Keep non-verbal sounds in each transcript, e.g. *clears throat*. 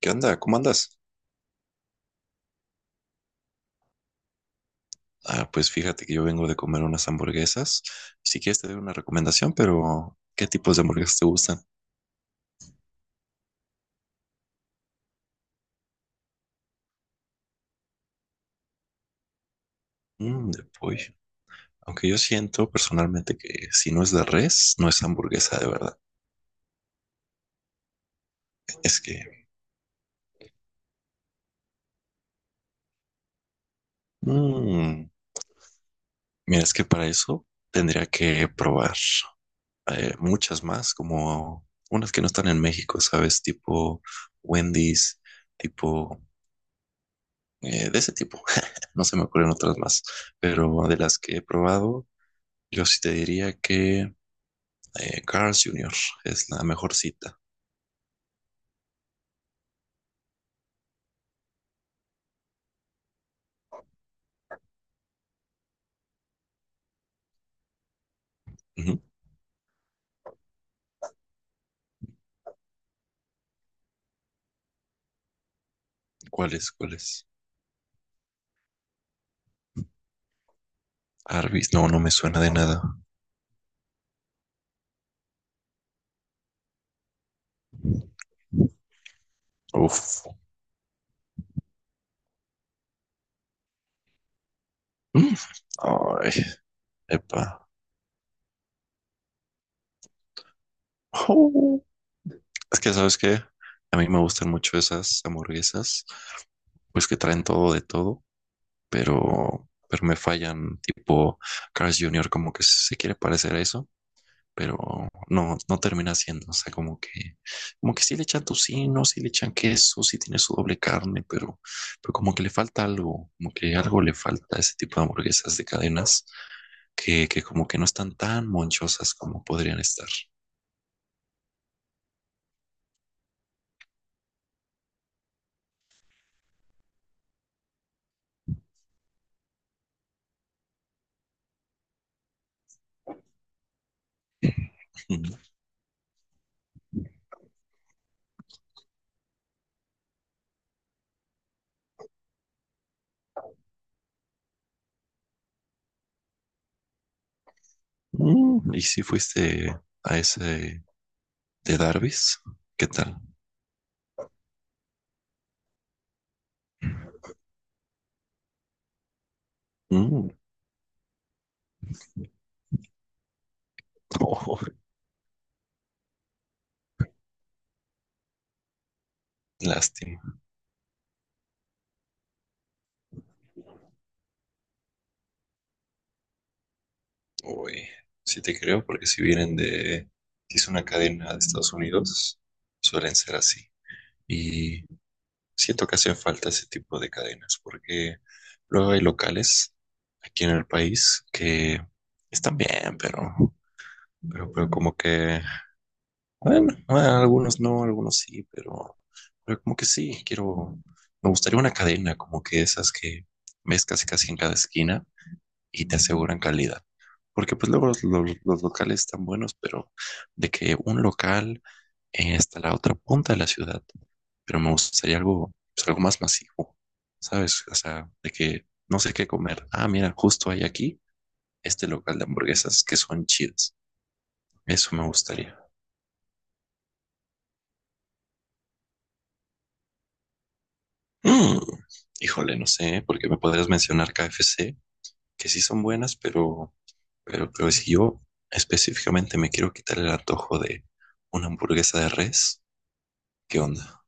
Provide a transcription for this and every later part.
¿Qué onda? ¿Cómo andas? Ah, pues fíjate que yo vengo de comer unas hamburguesas. Si quieres te doy una recomendación, pero ¿qué tipos de hamburguesas te gustan? Mm, de pollo. Aunque yo siento personalmente que si no es de res, no es hamburguesa de verdad. Es que, mm, mira, es que para eso tendría que probar muchas más, como unas que no están en México, ¿sabes? Tipo Wendy's, tipo de ese tipo. *laughs* No se me ocurren otras más, pero de las que he probado yo sí te diría que Carl's Jr. es la mejor cita. Ujú. ¿Cuál es? ¿Cuál es? Arby's, no, no me suena de nada. Uf. Mm. Ay, epa. Oh. Es que, ¿sabes qué? A mí me gustan mucho esas hamburguesas, pues que traen todo de todo, pero me fallan. Tipo, Carl's Junior, como que se quiere parecer a eso, pero no, no termina siendo, o sea, como que sí le echan tocino, sí, ¿no? Sí le echan queso, sí tiene su doble carne, pero como que le falta algo, como que algo le falta a ese tipo de hamburguesas de cadenas que como que no están tan monchosas como podrían estar. *laughs* Mm, ¿y si fuiste a ese de Darby's? ¿Qué tal? Mm, oh, lástima. Uy, sí te creo, porque si vienen de, si es una cadena de Estados Unidos, suelen ser así. Y siento que hacen falta ese tipo de cadenas, porque luego hay locales aquí en el país que están bien, pero como que, bueno, ah, algunos no, algunos sí, pero como que sí, quiero, me gustaría una cadena como que esas que ves casi casi en cada esquina y te aseguran calidad. Porque pues luego los, los locales están buenos, pero de que un local está a la otra punta de la ciudad, pero me gustaría algo, pues, algo más masivo, ¿sabes? O sea, de que no sé qué comer. Ah, mira, justo hay aquí este local de hamburguesas que son chidas. Eso me gustaría. Mm, híjole, no sé, porque me podrías mencionar KFC, que sí son buenas, pero si yo específicamente me quiero quitar el antojo de una hamburguesa de res. ¿Qué onda?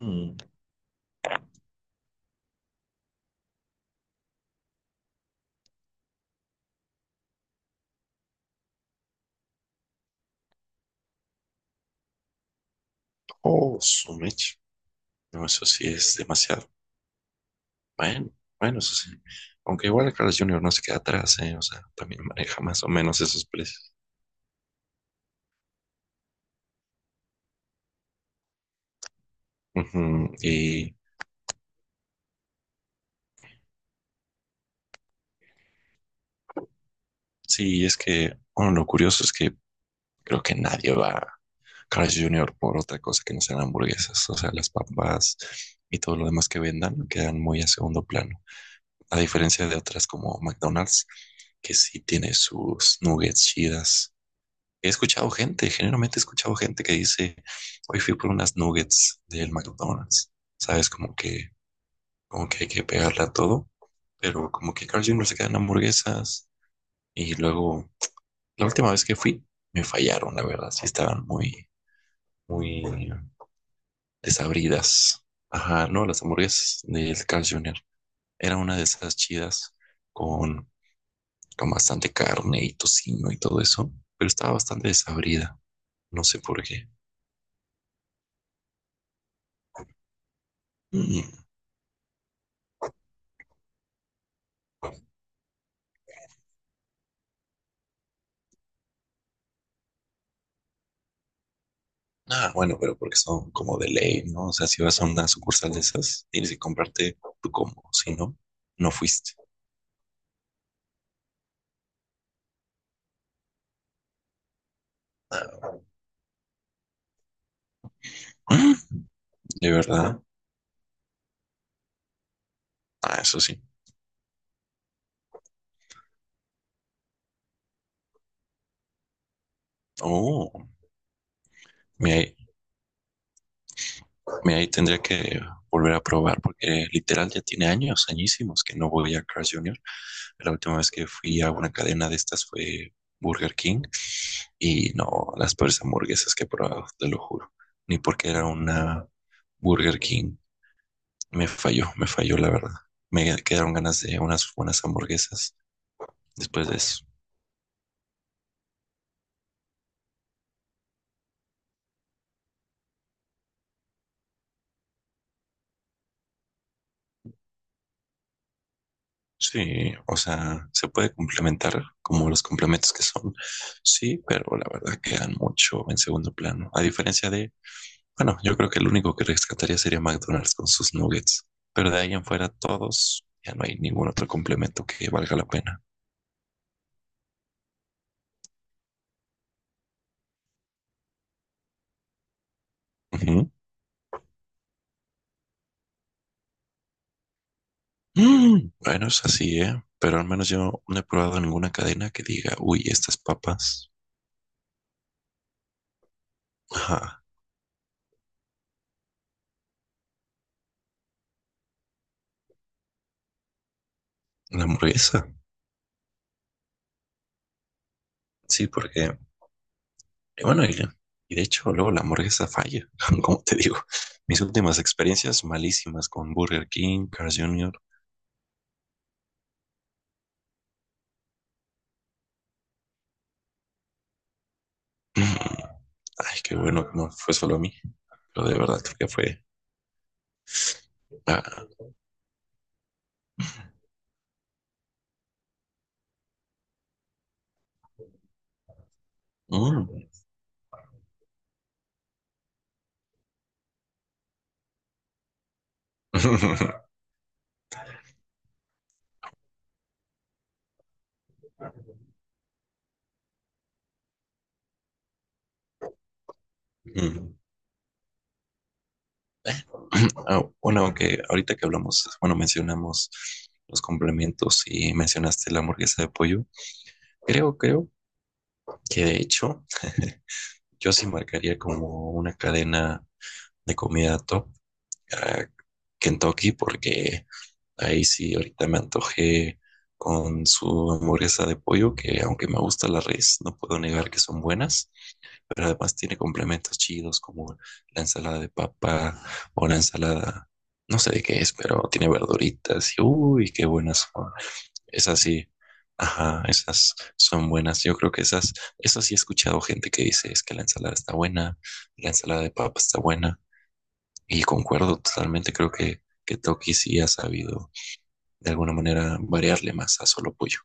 Mm. Oh, su mecha. No, eso sí es demasiado. Bueno, bueno, eso sí. Aunque igual el Carlos Junior no se queda atrás, ¿eh? O sea, también maneja más o menos esos precios. Ujú. Y sí, es que, bueno, lo curioso es que creo que nadie va a Carlos Jr. por otra cosa que no sean hamburguesas. O sea, las papas y todo lo demás que vendan quedan muy a segundo plano. A diferencia de otras como McDonald's, que sí tiene sus nuggets chidas, he escuchado gente, generalmente he escuchado gente que dice, hoy fui por unas nuggets del McDonald's. Sabes, como que hay que pegarla a todo, pero como que Carl Jr. se quedan hamburguesas y luego, la última vez que fui, me fallaron, la verdad, sí estaban muy, muy desabridas. Ajá, no, las hamburguesas del Carl Jr. Era una de esas chidas con, con bastante carne y tocino y todo eso, pero estaba bastante desabrida, no sé por qué. Mm. Ah, bueno, pero porque son como de ley, ¿no? O sea, si vas a una sucursal de esas, tienes que comprarte tu combo. Si no, no fuiste. Ah, mm, ¿de verdad? Ah, eso sí. Oh, mira, ahí- mira, ahí tendría que volver a probar porque literal ya tiene años, añísimos que no voy a Carl's Jr. La última vez que fui a una cadena de estas fue Burger King y no, las peores hamburguesas que he probado, te lo juro. Ni porque era una Burger King. Me falló la verdad. Me quedaron ganas de unas buenas hamburguesas después de eso. Sí, o sea, se puede complementar como los complementos que son, sí, pero la verdad quedan mucho en segundo plano. A diferencia de, bueno, yo creo que el único que rescataría sería McDonald's con sus nuggets, pero de ahí en fuera todos, ya no hay ningún otro complemento que valga la pena. Ujú. Mm, bueno, es así, ¿eh? Pero al menos yo no he probado ninguna cadena que diga, uy, estas papas, ajá, la hamburguesa. Sí, porque, y bueno, y de hecho luego la hamburguesa falla, *laughs* como te digo. Mis últimas experiencias malísimas con Burger King, Carl's Jr. *clears throat* Ay, qué bueno que no fue solo a mí. Pero de verdad creo que fue... ah, mm. *laughs* Mm. *clears throat* Ah, bueno, aunque ahorita que hablamos, bueno, mencionamos los complementos y mencionaste la hamburguesa de pollo. Creo que de hecho yo sí marcaría como una cadena de comida top a Kentucky porque ahí sí, ahorita me antojé con su hamburguesa de pollo, que aunque me gusta la res, no puedo negar que son buenas, pero además tiene complementos chidos como la ensalada de papa o la ensalada, no sé de qué es, pero tiene verduritas y uy, qué buenas son. Esas sí, ajá, esas son buenas. Yo creo que esas, esas sí he escuchado gente que dice es que la ensalada está buena, la ensalada de papa está buena, y concuerdo totalmente, creo que Toki sí ha sabido de alguna manera variarle más a solo pollo.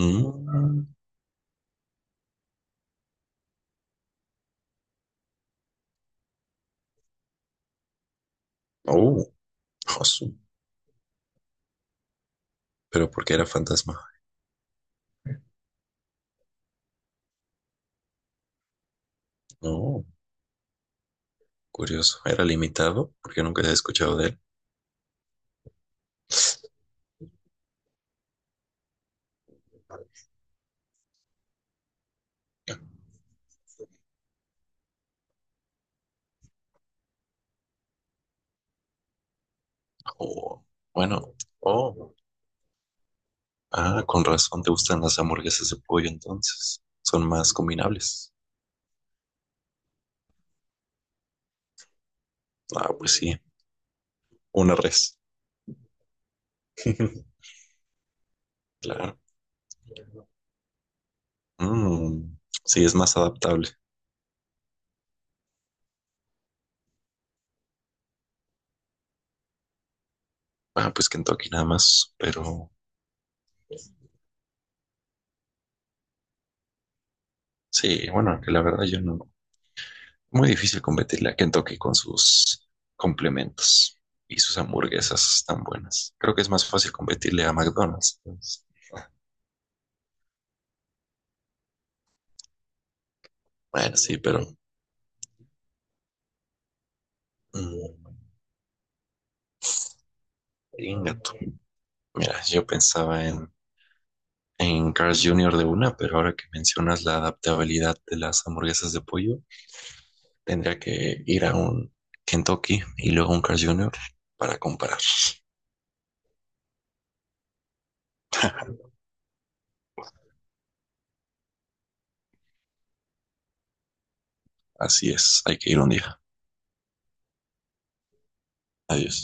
Mm, oh, josu. Pero porque era fantasma. No, curioso. Era limitado porque nunca he escuchado de él. Oh, bueno. Oh, ah, con razón te gustan las hamburguesas de pollo entonces. Son más combinables. Ah, pues sí. Una res. *laughs* Claro. Mm, sí, es más adaptable. Ah, pues Kentucky nada más, pero sí, bueno, que la verdad yo no, muy difícil competirle a Kentucky con sus complementos y sus hamburguesas tan buenas. Creo que es más fácil competirle a McDonald's, pues. Bueno, sí, pero... mm, inga tu. Mira, yo pensaba en, Carl's Jr. de una, pero ahora que mencionas la adaptabilidad de las hamburguesas de pollo, tendría que ir a un Kentucky y luego un Carl's Jr. para comparar. Así es, hay que ir un día. Adiós.